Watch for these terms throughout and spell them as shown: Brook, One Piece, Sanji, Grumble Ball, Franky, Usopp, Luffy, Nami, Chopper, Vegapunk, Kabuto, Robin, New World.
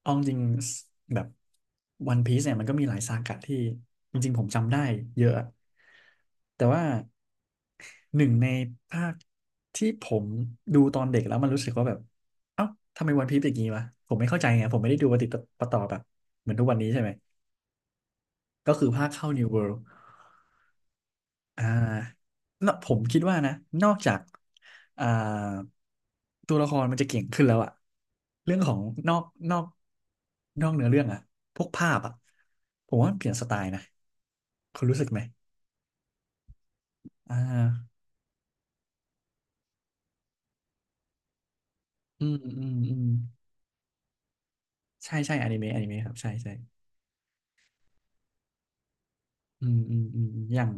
เอาจริงๆแบบวันพีซเนี่ยมันก็มีหลายซากะที่จริงๆผมจำได้เยอะแต่ว่าหนึ่งในภาคที่ผมดูตอนเด็กแล้วมันรู้สึกว่าแบบเอ้าทำไมวันพีซเป็นอย่างนี้วะผมไม่เข้าใจไงผมไม่ได้ดูปฏิปต่อแบบเหมือนทุกวันนี้ใช่ไหมก็คือภาคเข้า New World อ่าเนอะผมคิดว่านะนอกจากอ่าตัวละครมันจะเก่งขึ้นแล้วอะเรื่องของนอกนอกนอกเนื้อเรื่องอะพวกภาพอะผมว่ามันเปลี่ยนสไตล์นะ คุณรู้สึกไหมอ่าอืมใช่ใช่อนิเมะอนิเมะครับใช่ใช่อืมอย่าง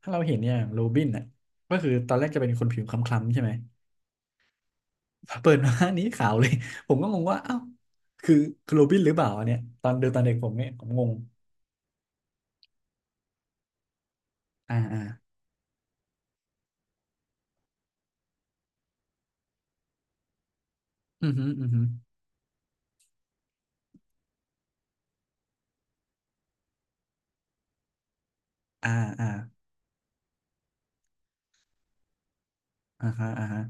ถ้าเราเห็นอย่างโรบินอ่ะก็คือตอนแรกจะเป็นคนผิวคล้ำๆใช่ไหม เปิดมา นี้ขาวเลย ผมก็งงว่าเอ้าคือคือโรบินหรือเปล่าอันเนี่ยตอนดูตอนเด็กผมเนี่ยผมงง อ่าอ่าอือฮึออือฮึออ่าอ่าอ่าฮะอ่าฮะ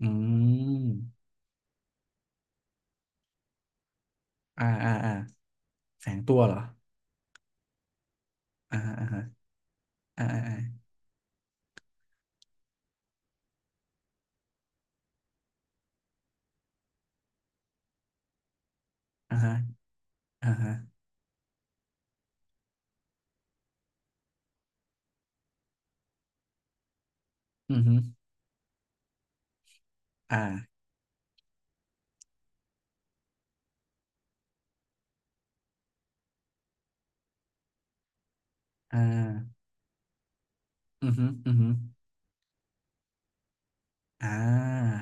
อืมอ่าอ่าอ่าแฝงตัวเหรออ่าฮะอ่าฮะอ่าอ่าอ่าอ่าฮะอ่าฮะอือฮึออ่าอ่าอือฮึออือฮึออ่า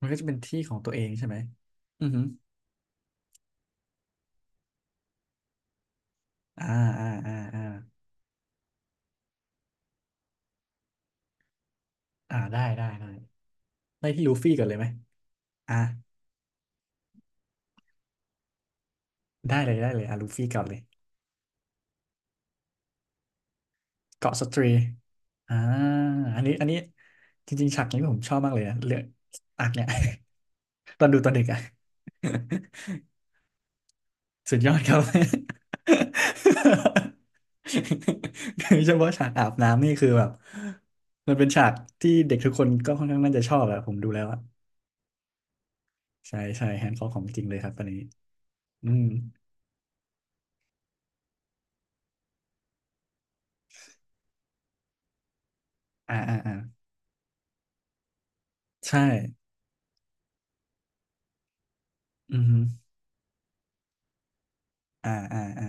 มันก็จะเป็นที่ของตัวเองใช่ไหมอือฮึออ่าอ่าอ่าอ่าอ่าได้ได้ได้ ได้ที่ลูฟี่ก่อนเลยไหม อ่า ได้เลยได้เลยอ่ะลูฟี่ก่อนเลยเกาะสตรี อ่า อันนี้ อันนี้ จริงๆฉากนี้ผมชอบมากเลยนะเรื่องอักเนี่ย ตอนดูตอนเด็กอะ สุดยอดครับ โดยเฉพาะฉากอาบน้ำนี่คือแบบมันเป็นฉากที่เด็กทุกคนก็ค่อนข้างน่าจะชอบอะผมดูแล้วอะใช่ใช่แฮนด์คอของจริงเลยครับตอนนี้อืมอ่าอ่าอ่าใช่อือฮึอ่าอ่าอ่า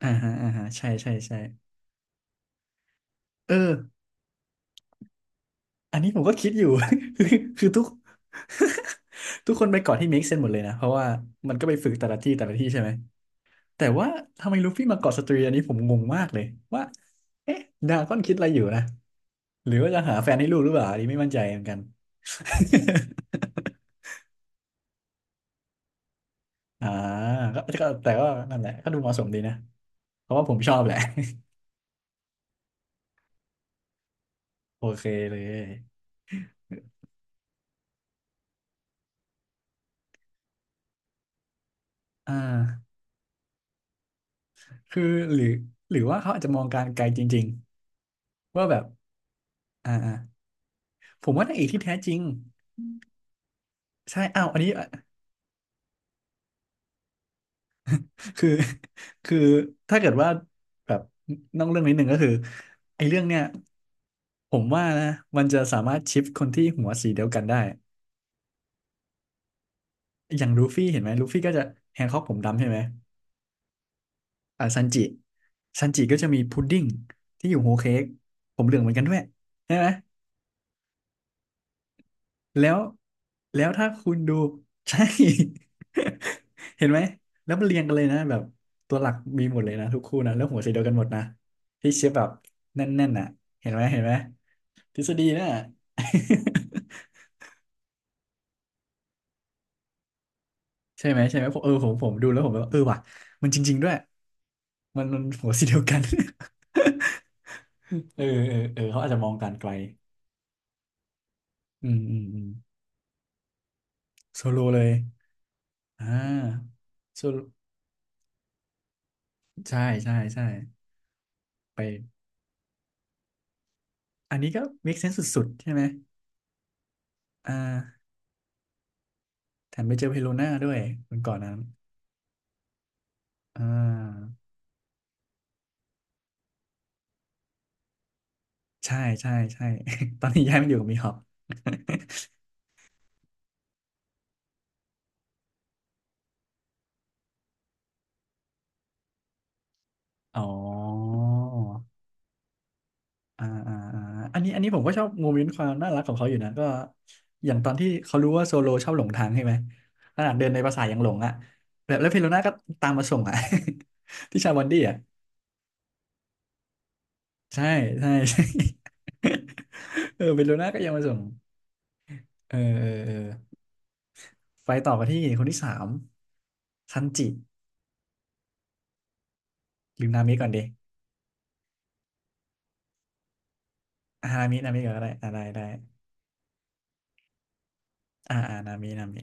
อ่าฮะอ่าฮะใช่ใช่ใช่เอออันนี้ผมก็คิดอยู่ คือทุก ทุกคนไปเกาะที่ make sense หมดเลยนะเพราะว่ามันก็ไปฝึกแต่ละที่แต่ละที่ใช่ไหม แต่ว่าทำไมลูฟี่มาเกาะสตรีอันนี้ผมงงมากเลยว่าเอ๊ะดราก้อนคิดอะไรอยู่นะหรือว่าจะหาแฟนให้ลูกหรือเปล่าอันนี้ไม่มั่นใจเหมือนกัน อ่าก็แต่ก็นั่นแหละก็ดูเหมาะสมดีนะเพราะว่าผมชอบแหละ โอเคเลยอ่าคือหรือหรือว่าเขาอาจจะมองการไกลจริงๆว่าแบบอ่าอ่าผมว่านางเอกที่แท้จริงใช่อ้าวอันนี้ อ่ะคือคือถ้าเกิดว่าแบบนอกเรื่องนิดหนึ่งก็คือไอ้เรื่องเนี้ย ผมว่านะมันจะสามารถชิปคนที่หัวสีเดียวกันได้อย่างลูฟี่เห็นไหมลูฟี่ก็จะแฮงค็อกผมดำใช่ไหมอ่าซันจิซันจิก็จะมีพุดดิ้งที่อยู่โฮเค้กผมเหลืองเหมือนกันด้วยใช่ไหมแล้วแล้วถ้าคุณดู ใช่ เห็นไหมแล้วมันเรียงกันเลยนะแบบตัวหลักมีหมดเลยนะทุกคู่นะแล้วหัวสีเดียวกันหมดนะที่เชฟแบบแน่นๆน่ะเห็นไหมเห็นไหมทฤษฎีน่ะ ใช่ไหมใช่ไหมผมเออผมดูแล้วผมแบบเออว่ะมันจริงๆด้วยมันมันหัวสีเดียวกัน เออเออเออเขาอาจจะมองการไกลอืมโซโลเลยอ่าโซโลใช่ใช่ใช่ไปอันนี้ก็ make sense สุดๆใช่ไหมอ่าแถมไปเจอเพโลน่าด้วยคนก่อนนั้นอ่าใช่ใช่ใช่ ตอนนี้ย้ายมาอยู่กับมีฮอป อ๋อ อ่าอ่าอ่าอันนี้ผมก็ชอบโมเมนต์ความน่ารักของเขาอยู่นะก็อย่างตอนที่เขารู้ว่าโซโลชอบหลงทางใช่ไหมขนาดเดินในภาษายังหลงอ่ะแบบแล้วเฟโลน่าก็ตามมาส่งอ่ะ ที่ชาบันดี้อ่ะใช่ใช่ ใช่ เออเฟโลน่าก็ยังมาส่งเออเออเออไปต่อกันที่คนที่สามซันจิหรือนามิก่อนดิอานามินามิก่อนก็ได้อ่าได้ได้อ่าอ่านามินามิ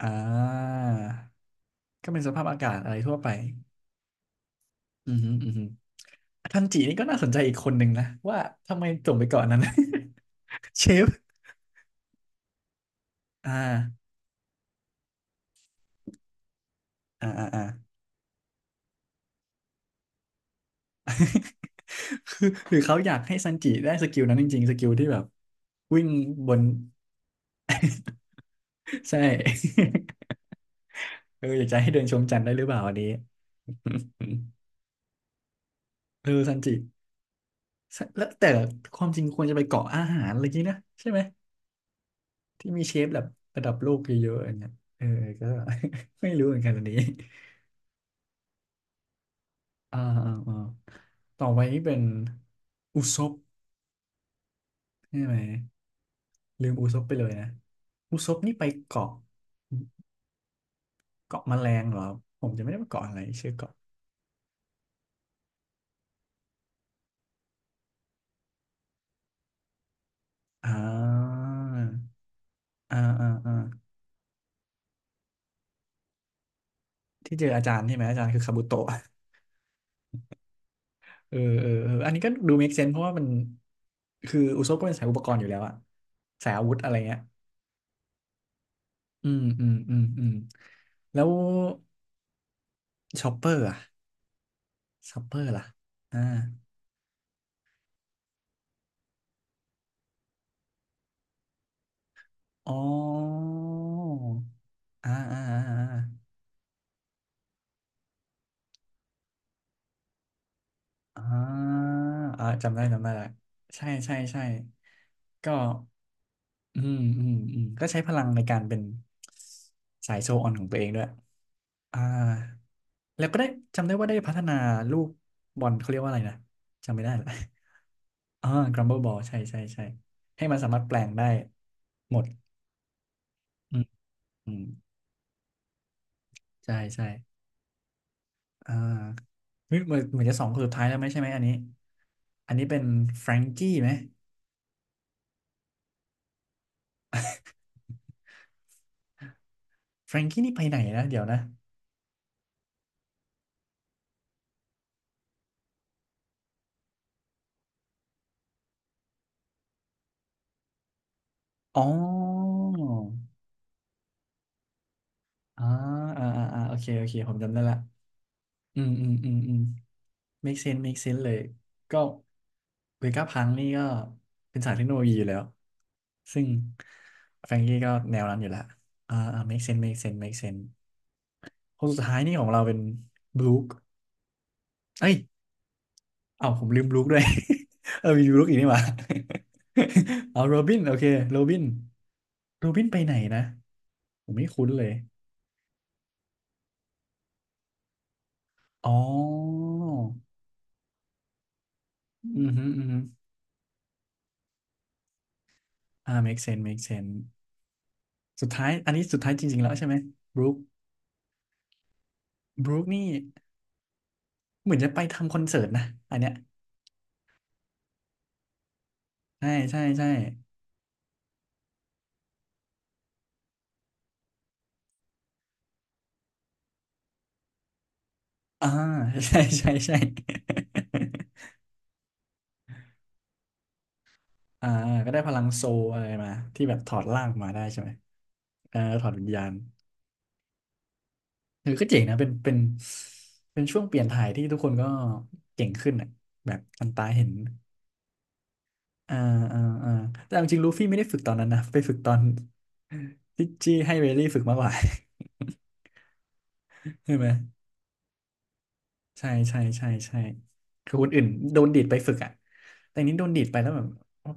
อ่าก็เป็นสภาพอากาศอะไรทั่วไปอือหืออือหือ ทันจินี่ก็น่าสนใจอีกคนหนึ่งนะว่าทำไมส่งไปเกาะนนั้น เชฟอ่าอ่าอ่าอ่า คือหรือเขาอยากให้ซันจิได้สกิลนั้นจริงๆสกิลที่แบบวิ่งบน ใช่ เอออยากจะให้เดินชมจันทร์ได้หรือเปล่าอันนี้ เออซันจิซะแล้วแต่ความจริงควรจะไปเกาะอาหารอะไรกี้นะใช่ไหมที่มีเชฟแบบระดับโลกเยอะๆอย่างเงี้ยเออก็ ไม่รู้เหมือนกันอันนี้ อ่าอ่าอ่าต่อไปนี่เป็นอุซบ ใช่ไหมลืมอุซบไปเลยนะอุซบนี่ไปเกาะเกาะแมลงเหรอผมจะไม่ได้ไปเกาะอะไรชื่อเกาะอ่าอ่าอ่าอ่าที่เจออาจารย์ใช่ไหมอาจารย์คือคาบุโตะ เออเออเอออันนี้ก็ดู make sense เพราะว่ามันคืออุซบก็เป็นสายอุปกรณ์อยู่แล้วอะสายอาวุธอะไรเงี้ยอืมอืมอืมอืมแล้วชอปเปอร์อะชอปเปอร์ล่ะอ่าอ๋ออ่าอ่าอ่า อ่าอ่าจำได้จำได้ละใช่ใช่ใช่ก็อืมอืมอืมก็ใช้พลังในการเป็นสายโชว์ออนของตัวเองด้วย อ่าแล้วก็ได้จำได้ว่าได้พัฒนาลูกบอลเขาเรียกว่าอะไรนะ จำไม่ได้ละ อ่า Grumble Ball ใช่ใช่ใช่ให้มันสามารถแปลงได้หมด อืมอืมใช่ใช่อ่าเฮ้ยเหมือนเหมือนจะสองคนสุดท้ายแล้วไหมใช่ไหมอันนี้ อันนี้เป็นแฟรงกี้ไหมแฟรงกี้นี่ไปไหนนะเดี๋ยวนะอ๋อ อ่าอ่าอ่าอ่าโอเคโอเค ผมจำได้ละอืม อืม อืม อืม make sense make sense เลย ก็เวก้าพังนี่ก็เป็นสายเทคโนโลยีอยู่แล้ว ซึ่งแฟรงกี้ก็แนวนั้นอยู่แล้วอ่าอ่า make sense make sense make sense คนสุดท้ายนี่ของเราเป็นบลูคเอ้ย เอ้าผมลืมบลูคด้วย เออมีบลูคอีกนี่หว่า เอาโรบินโอเคโรบินโรบินไปไหนนะ ผมไม่คุ้นเลยอ๋ออือฮึอือฮึอ่า make sense make sense สุดท้ายอันนี้สุดท้ายจริงๆแล้วใช่ไหมบรูคบรูคนี่เหมือนจะไปทำคอนเสิร์ตนะอันเนี้ยใช่ใช่ใช่อ่า ใช่ใช่ใช่ อ่าก็ได้พลังโซลอะไรมาที่แบบถอดร่างมาได้ใช่ไหมเออถอดวิญญาณเออก็เจ๋งนะเป็นเป็นช่วงเปลี่ยนถ่ายที่ทุกคนก็เก่งขึ้นอ่ะแบบอันตาเห็นอ่าอ่าอ่าแต่เอาจริงลูฟี่ไม่ได้ฝึกตอนนั้นนะไปฝึกตอน ที่จี้ให้เบลลี่ฝึกมากกว่า ใช่ไหม ใช่ใช่ใช่ใช่คือคนอื่นโดนดีดไปฝึกอ่ะแต่อันนี้โดนดีดไปแล้วแบบ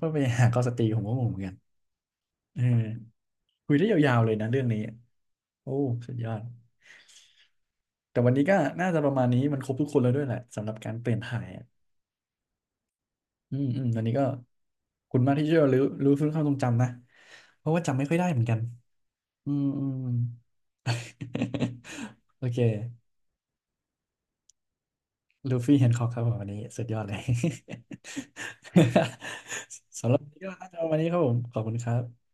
ก็ไปหาก็สตรีผมก็งงเหมือนกันเออคุยได้ยาวๆเลยนะเรื่องนี้โอ้สุดยอดแต่วันนี้ก็น่าจะประมาณนี้มันครบทุกคนแล้วด้วยแหละสำหรับการเปลี่ยนถ่ายอะอืมอืมวันนี้ก็ขอบคุณมากที่ช่วยรู้อรู้อฟื้นความทรงจำนะเพราะว่าจำไม่ค่อยได้เหมือนกันอืมอืม โอเค ลูฟี่เฮนค็อกครับผมวันนี้สุดยอดเลย สำหรับวันนี้ก็น่าจะประมาณนี้ครับผมขอบคุณครับ